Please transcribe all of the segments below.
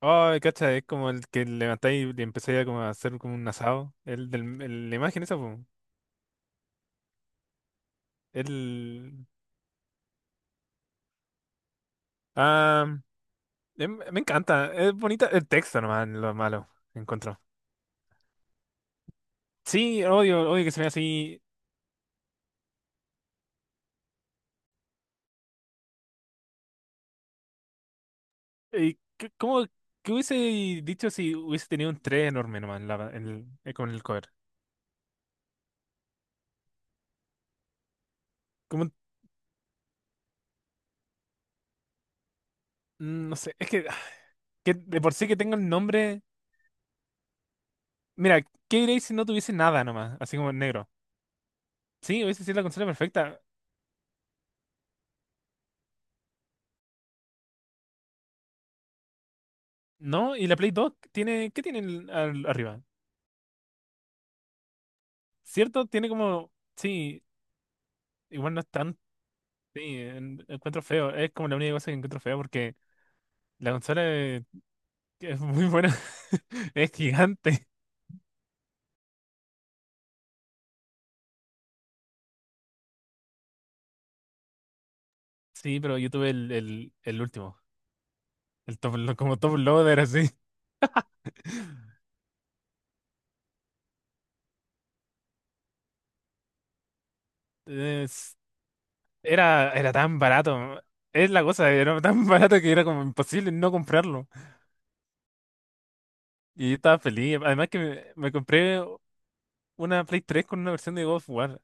Ay, cacha, es como el que levantáis y empezáis a, como a hacer como un asado. La imagen esa, po. El. Ah, Me encanta. Es bonita. El texto nomás, lo malo, encuentro. Sí, odio, odio que se vea así. ¿Cómo? ¿Qué hubiese dicho si hubiese tenido un 3 enorme nomás en la- en el- con el cover? Como, un- no sé, es que, que de por sí que tenga el nombre. Mira, ¿qué diréis si no tuviese nada nomás? Así como en negro. Sí, hubiese sido la consola perfecta. No, y la Play 2 tiene, ¿qué tiene arriba? ¿Cierto? Tiene como, sí, igual no es tan, sí, encuentro feo, es como la única cosa que encuentro feo porque la consola es muy buena, es gigante. Sí, pero yo tuve el último, el top, como top loader así. Es- era tan barato, es la cosa, era tan barato que era como imposible no comprarlo. Y yo estaba feliz, además que me compré una Play 3 con una versión de God of War.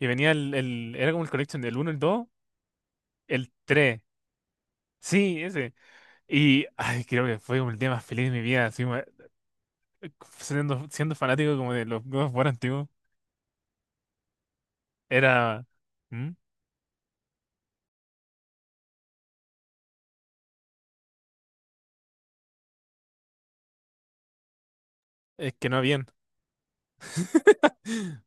Y venía era como el collection del uno, el dos, el tres. Sí, ese. Y ay, creo que fue como el día más feliz de mi vida, así como, siendo fanático como de los God of War antiguos. Era. ¿Mm? Es que no habían.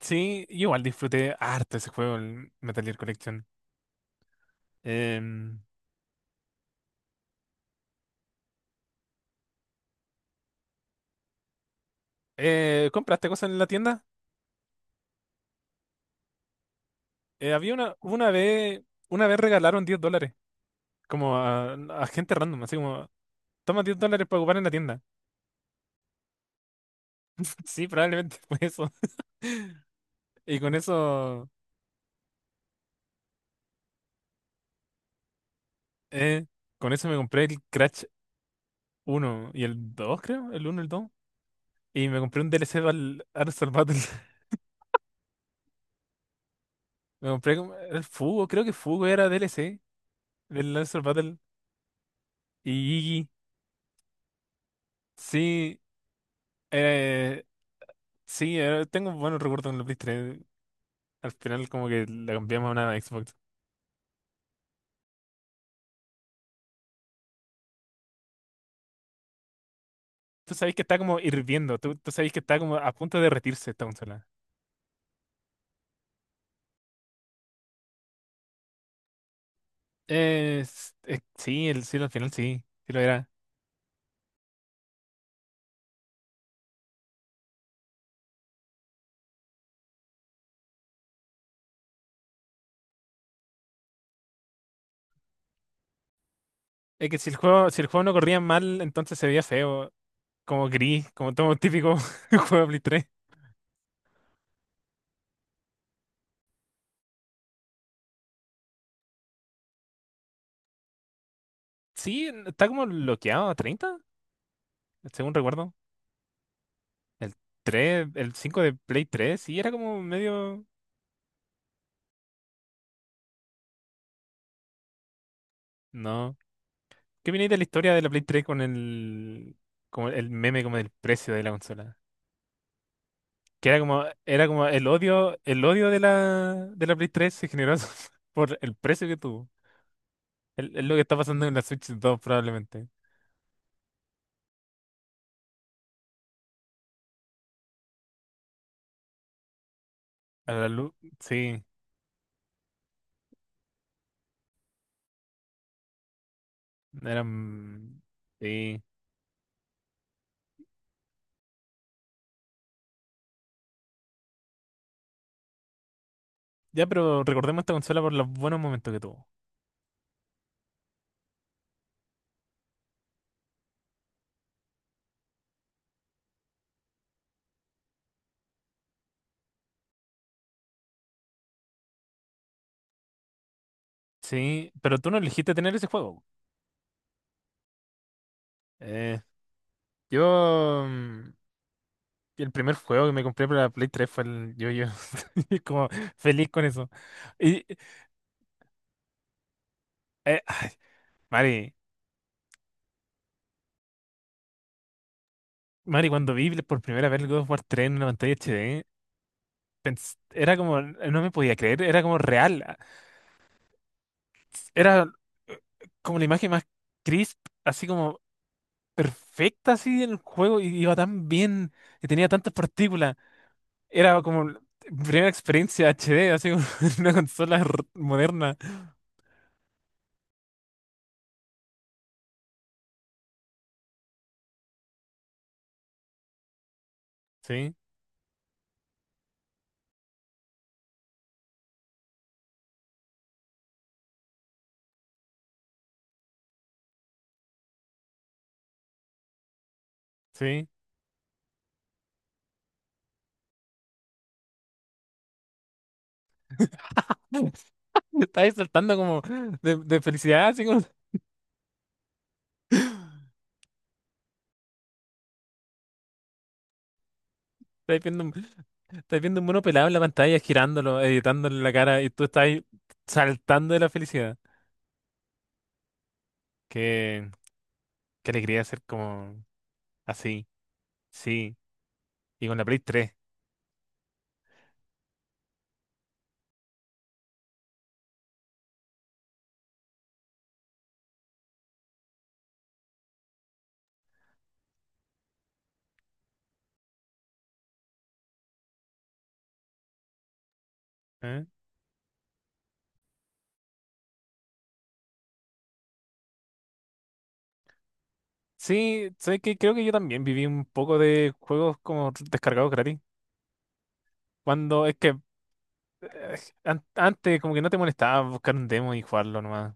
Sí, yo igual disfruté harto ese juego, el Metal Gear Collection. Em, ¿Compraste cosas en la tienda? Había una vez regalaron $10, como a gente random, así como, toma $10 para ocupar en la tienda. Sí, probablemente fue eso. Y con eso, eh, con eso me compré el Crash uno y el dos, creo, el uno y el dos. Y me compré un DLC al Armstrong Battle. Me compré era el Fugo, creo que Fugo era DLC del Armstrong Battle. Y Iggy, sí, eh, sí, tengo buenos recuerdos en la Play 3. Al final como que la cambiamos a una Xbox. Tú sabes que está como hirviendo, tú sabes que está como a punto de derretirse esta consola. Sí, sí, al final sí, sí lo era. Es que si el juego no corría mal, entonces se veía feo, como gris, como todo típico juego de Play 3. Sí, está como bloqueado a 30 según recuerdo. El tres, el 5 de Play 3, sí, era como medio. No. ¿Qué viene de la historia de la Play 3 con el, como el meme como del precio de la consola? Que era como el odio de la Play 3 se generó por el precio que tuvo. El es lo que está pasando en la Switch 2 probablemente. A la luz, sí. Eran. Sí. Ya, pero recordemos esta consola por los buenos momentos que tuvo. Sí, pero tú no elegiste tener ese juego. Eh, yo... mm, El primer juego que me compré para la Play 3 fue el Yo-Yo. Y como feliz con eso. Y... eh, Mari, Mari, cuando vi por primera vez el God of War 3 en una pantalla HD, era como. No me podía creer, era como real. Era eh, como la imagen más crisp, así como perfecta así en el juego y iba tan bien y tenía tantas partículas. Era como la primera experiencia HD, así como una consola moderna. Sí, sí. Estáis saltando como de felicidad, así como estáis viendo, un- estáis viendo un mono pelado en la pantalla, girándolo, editándole la cara y tú estás saltando de la felicidad. Qué, qué alegría ser como así, sí. Y con la Play 3. ¿Eh? Sí, sé que creo que yo también viví un poco de juegos como descargados gratis. Cuando es que eh, antes como que no te molestaba buscar un demo y jugarlo nomás.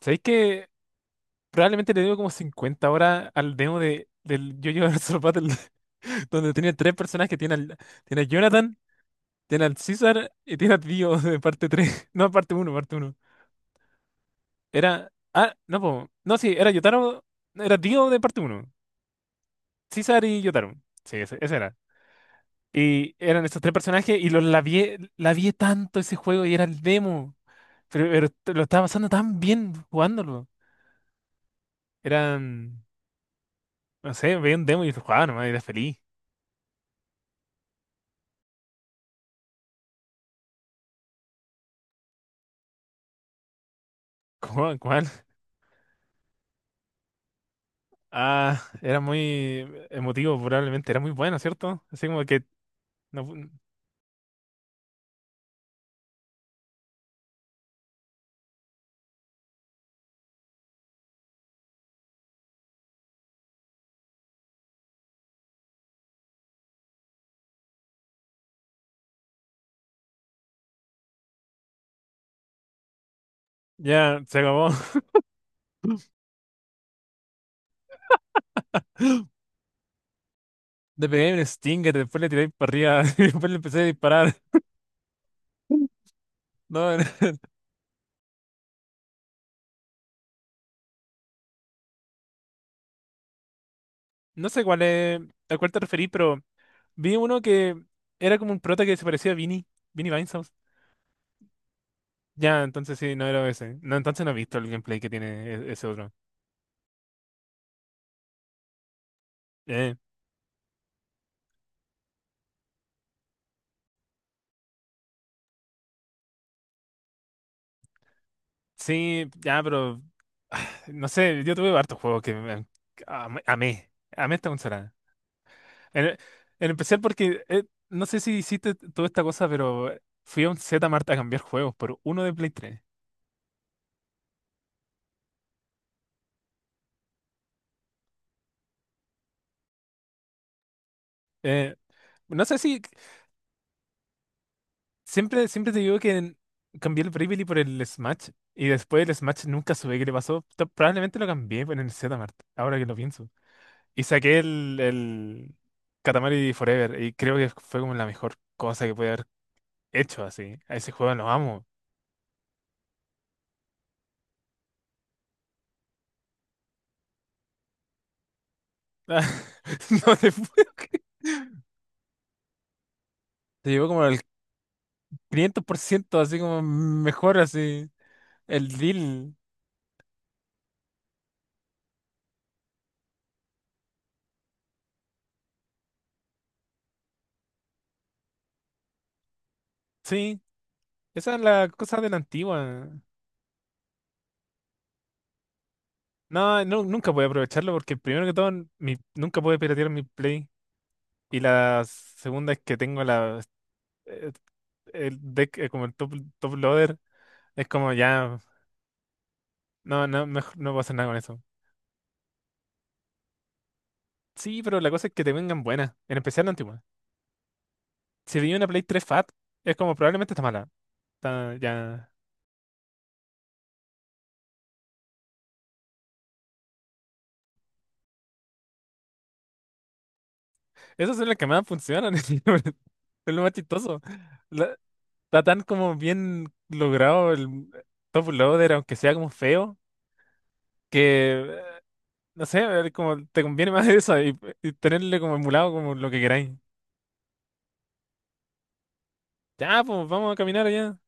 ¿Sabéis que probablemente le debo como 50 horas al demo del JoJo Bizarre Battle, donde tiene tres personajes que tiene a Jonathan, tiene al César y tiene a Dio de parte tres. No, parte uno. Era. Ah, no, po, no, sí, era Yotaro, era Dio de parte uno, César y Yotaro. Sí, ese era. Y eran estos tres personajes y los labié, labié tanto ese juego y era el demo. Lo estaba pasando tan bien jugándolo. Eran, no sé, veía un demo y lo jugaba nomás y era feliz. ¿Cómo, cuál? Ah, era muy emotivo probablemente, era muy bueno, ¿cierto? Así como que no pu- ya se acabó. Le pegué un Stinger, después le tiré para arriba y después le empecé a disparar. No, no sé a cuál te referí, pero vi uno que era como un prota que se parecía a Vinny, Vinny Vinehouse. Ya, entonces sí, no era ese. No, entonces no he visto el gameplay que tiene ese otro. Eh, Sí, ya, pero no sé, yo tuve hartos juegos que am- amé, amé esta consola. En, en especial porque, no sé si hiciste toda esta cosa, pero fui a un Zmart a cambiar juegos por uno de Play 3. Eh, no sé si, Siempre te digo que cambié el Bravely por el Smash y después el Smash nunca supe qué le pasó. Probablemente lo cambié por el Zmart, ahora que lo pienso. Y saqué el Katamari Forever y creo que fue como la mejor cosa que pude haber hecho así. A ese juego lo amo. No te puedo creer. Te llevó como el 500%, así como mejor, así. El deal. Sí, esa es la cosa de la antigua. No, no, nunca pude aprovecharlo porque primero que todo, nunca pude piratear mi Play. Y la segunda es que tengo la, eh, el deck, como el top loader. Es como ya, no, no, mejor no puedo hacer nada con eso. Sí, pero la cosa es que te vengan buenas, en especial la antigua. Si veía una Play 3 Fat, es como probablemente está mala. Ya. Esas son las que más funcionan. Es lo más chistoso. La- Está tan como bien logrado el top loader, aunque sea como feo, que no sé, como te conviene más eso y tenerle como emulado como lo que queráis. Ya, pues vamos a caminar allá.